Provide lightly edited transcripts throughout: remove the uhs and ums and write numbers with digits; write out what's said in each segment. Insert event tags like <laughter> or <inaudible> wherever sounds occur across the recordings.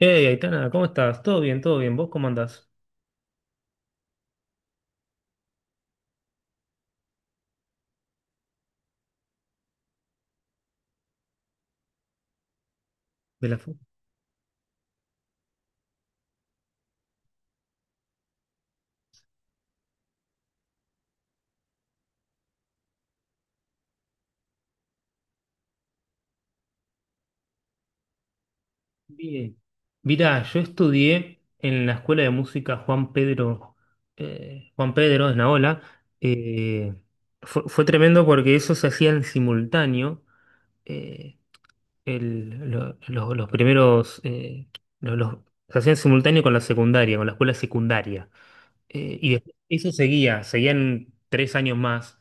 Hey, Aitana, ¿cómo estás? Todo bien, todo bien. ¿Vos cómo andás? De la fu- Bien. Mirá, yo estudié en la Escuela de Música Juan Pedro, Juan Pedro de Naola. Eh, fue tremendo porque eso se hacía en simultáneo. Eh, el- lo- los primeros, lo- los- Se hacía en simultáneo con la secundaria, con la escuela secundaria. Y después eso seguía, seguían 3 años más,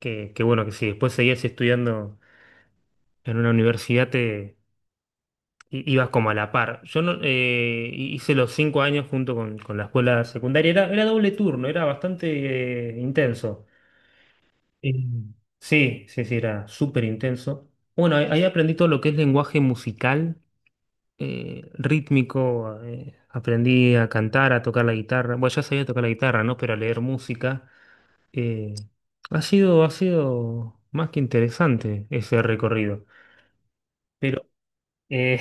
que bueno, que si después seguías estudiando en una universidad ibas como a la par. Yo no, hice los 5 años junto con la escuela secundaria. Era doble turno, era bastante intenso. Eh, sí, sí, sí, era súper intenso. Bueno, ahí aprendí todo lo que es lenguaje musical, rítmico. Aprendí a cantar, a tocar la guitarra. Bueno, ya sabía tocar la guitarra, ¿no? Pero a leer música. eh, ha sido más que interesante ese recorrido. Pero eh,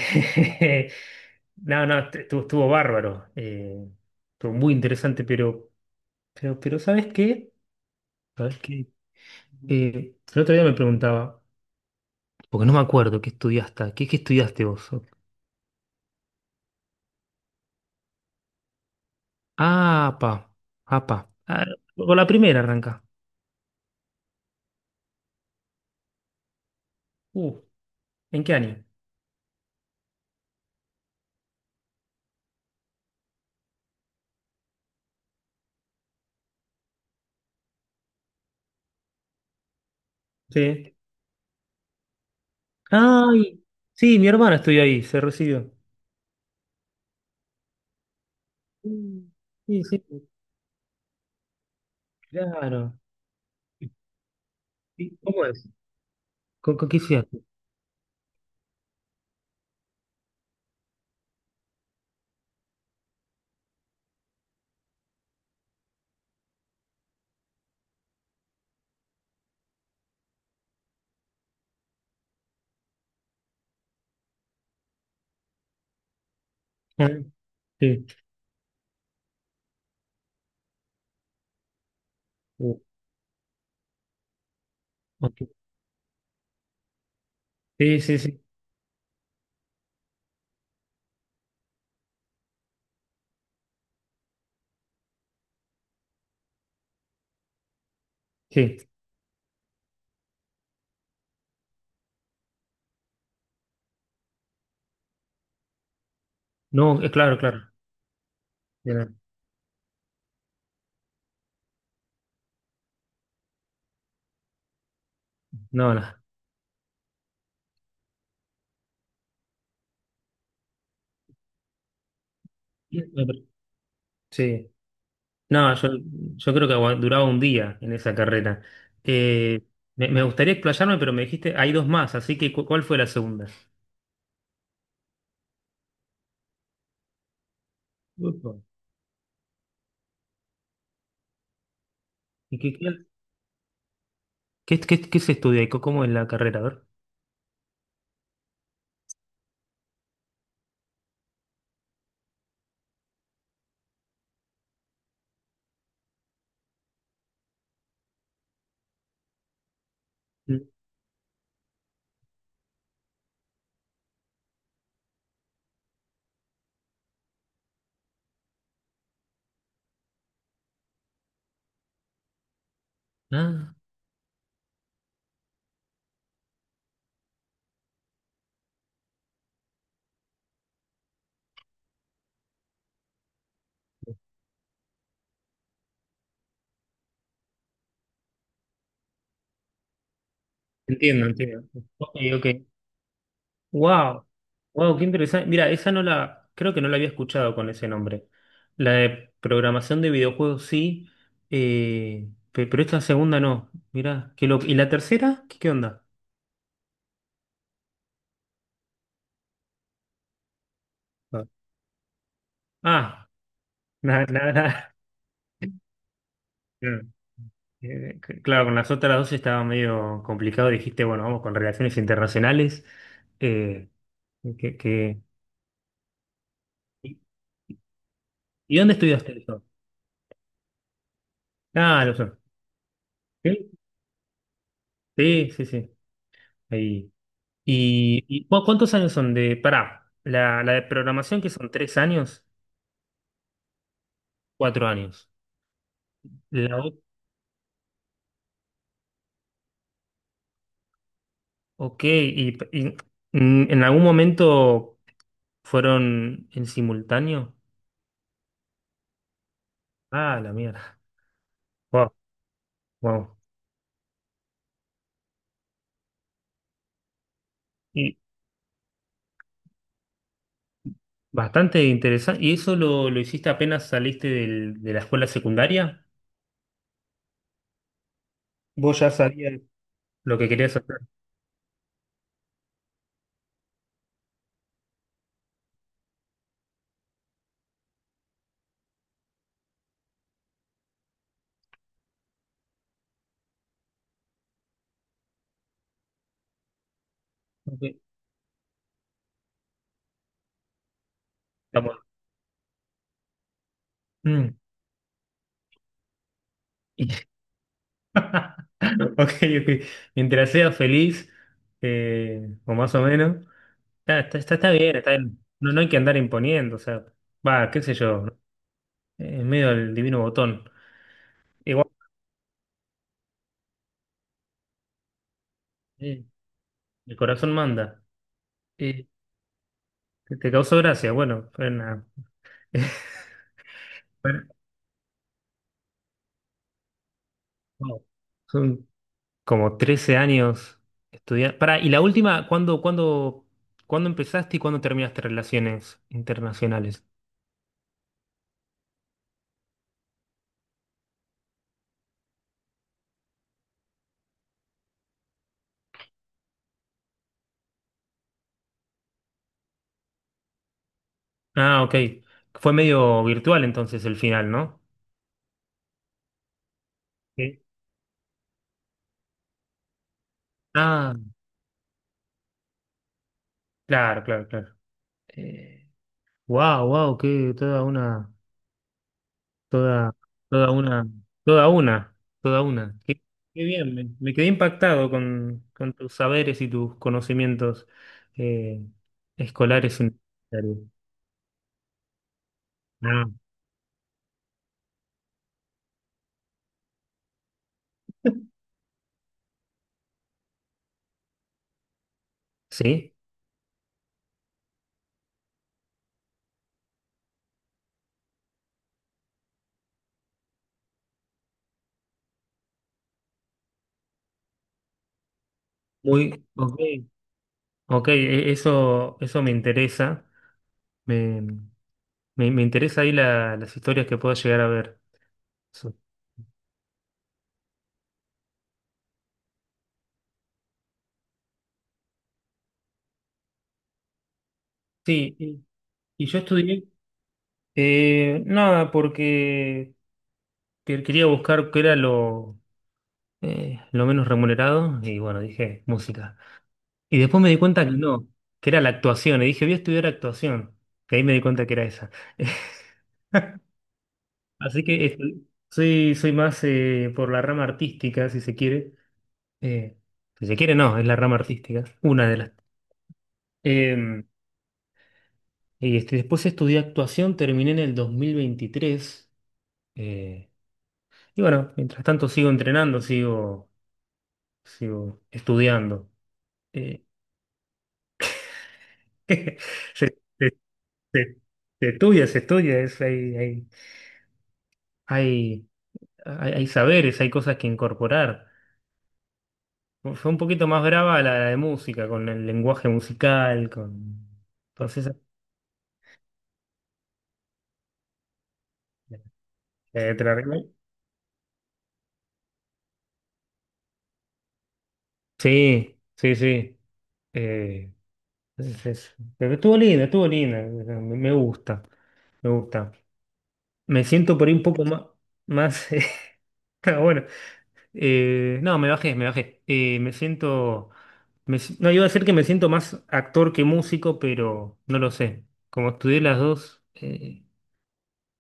<laughs> no, no, estuvo bárbaro. Estuvo muy interesante, pero ¿sabes qué? ¿Sabes qué? El otro día me preguntaba, porque no me acuerdo qué estudiaste. ¿Qué estudiaste vos? Ah, pa, ah, pa. Ah, por la primera arranca. Uh, ¿En qué año? Sí. Ay, sí, mi hermana estudió ahí, se recibió. Mm. Sí, sí, claro. ¿Y cómo es? ¿Con qué estudiaste? Ah. Sí. Uh, ok. Sí, sí, sí. Sí. No, claro, claro. Bien. No, no. Sí. No, yo creo que duraba un día en esa carrera. Eh, me gustaría explayarme, pero me dijiste, hay dos más, así que ¿cuál fue la segunda? Ufa. ¿Y qué se estudia y cómo es la carrera? A ver. Mm. Ah, entiendo, entiendo. Ok, ok. Wow, wow, qué interesante. Mira, esa no la, creo que no la había escuchado con ese nombre. La de programación de videojuegos sí, pero esta segunda no. Mira, qué loco. ¿Y la tercera? ¿Qué onda? Ah. Ah, nada, nada, nada. Claro. <laughs> Claro, con las otras dos estaba medio complicado. Dijiste, bueno, vamos con relaciones internacionales. Eh, que, que- ¿Y y dónde estudiaste eso? Ah, lo sé. Sí, sí, sí, sí. Ahí. ¿Y cuántos años son de, pará, la de programación que son 3 años, 4 años? La, o- ok, en algún momento fueron en simultáneo. Ah, la mierda. Wow, wow. Y bastante interesante. ¿Y eso lo hiciste apenas saliste de la escuela secundaria? ¿Vos ya sabías lo que querías hacer? Ok, está bueno. Mm. <laughs> Ok, ok. Mientras seas feliz, o más o menos. Ah, está bien, está bien. No, no hay que andar imponiendo, o sea, va, qué sé yo, es medio el divino botón. Igual, eh, el corazón manda. Eh, te causó gracia, bueno, <laughs> bueno, no, son como 13 años estudiando. Pará, y la última, ¿cuándo empezaste y cuándo terminaste relaciones internacionales? Ah, ok. Fue medio virtual entonces el final, ¿no? Sí. Ah, claro, claro, claro. Eh, wow, wow, qué toda una. Toda, Toda una, toda una, toda una. Qué bien, me quedé impactado con tus saberes y tus conocimientos eh, escolares universitarios. Ah, sí, ok, ok, eso me interesa. Me, me interesa ahí las historias que puedo llegar a ver. Eso. Sí, y yo estudié, nada, porque quería buscar qué era lo menos remunerado y bueno, dije música. Y después me di cuenta que no, que era la actuación. Y dije, voy a estudiar actuación. Que ahí me di cuenta que era esa. <laughs> Así que soy más por la rama artística, si se quiere. Eh, si se quiere, no, es la rama artística. Una de las. Eh, Después estudié actuación, terminé en el 2023. eh, y bueno, mientras tanto sigo entrenando, sigo estudiando. Eh, <laughs> se, se- se- se estudia, es, hay, hay, hay hay, hay saberes, hay cosas que incorporar. Fue un poquito más brava la de música, con el lenguaje musical, con... Entonces, te la arreglo. Sí, sí, sí. Eh, pero estuvo linda, estuvo linda. Me gusta, me gusta. Me siento por ahí un poco más... más <laughs> ah, bueno, no, me bajé, me bajé. Me siento... me si- No, iba a decir que me siento más actor que músico, pero no lo sé. Como estudié las dos...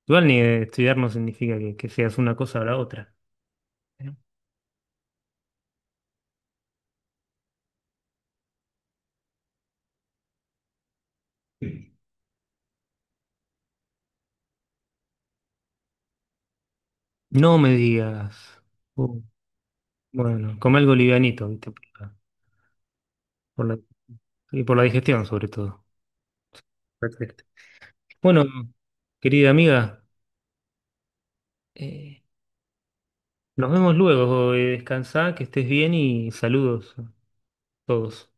Igual ni estudiar no significa que seas una cosa o la otra. ¿Eh? No me digas. Uh, bueno, come algo livianito, ¿viste? Por la- y por la digestión, sobre todo. Perfecto. Bueno, querida amiga, eh, nos vemos luego. Descansá, que estés bien y saludos a todos.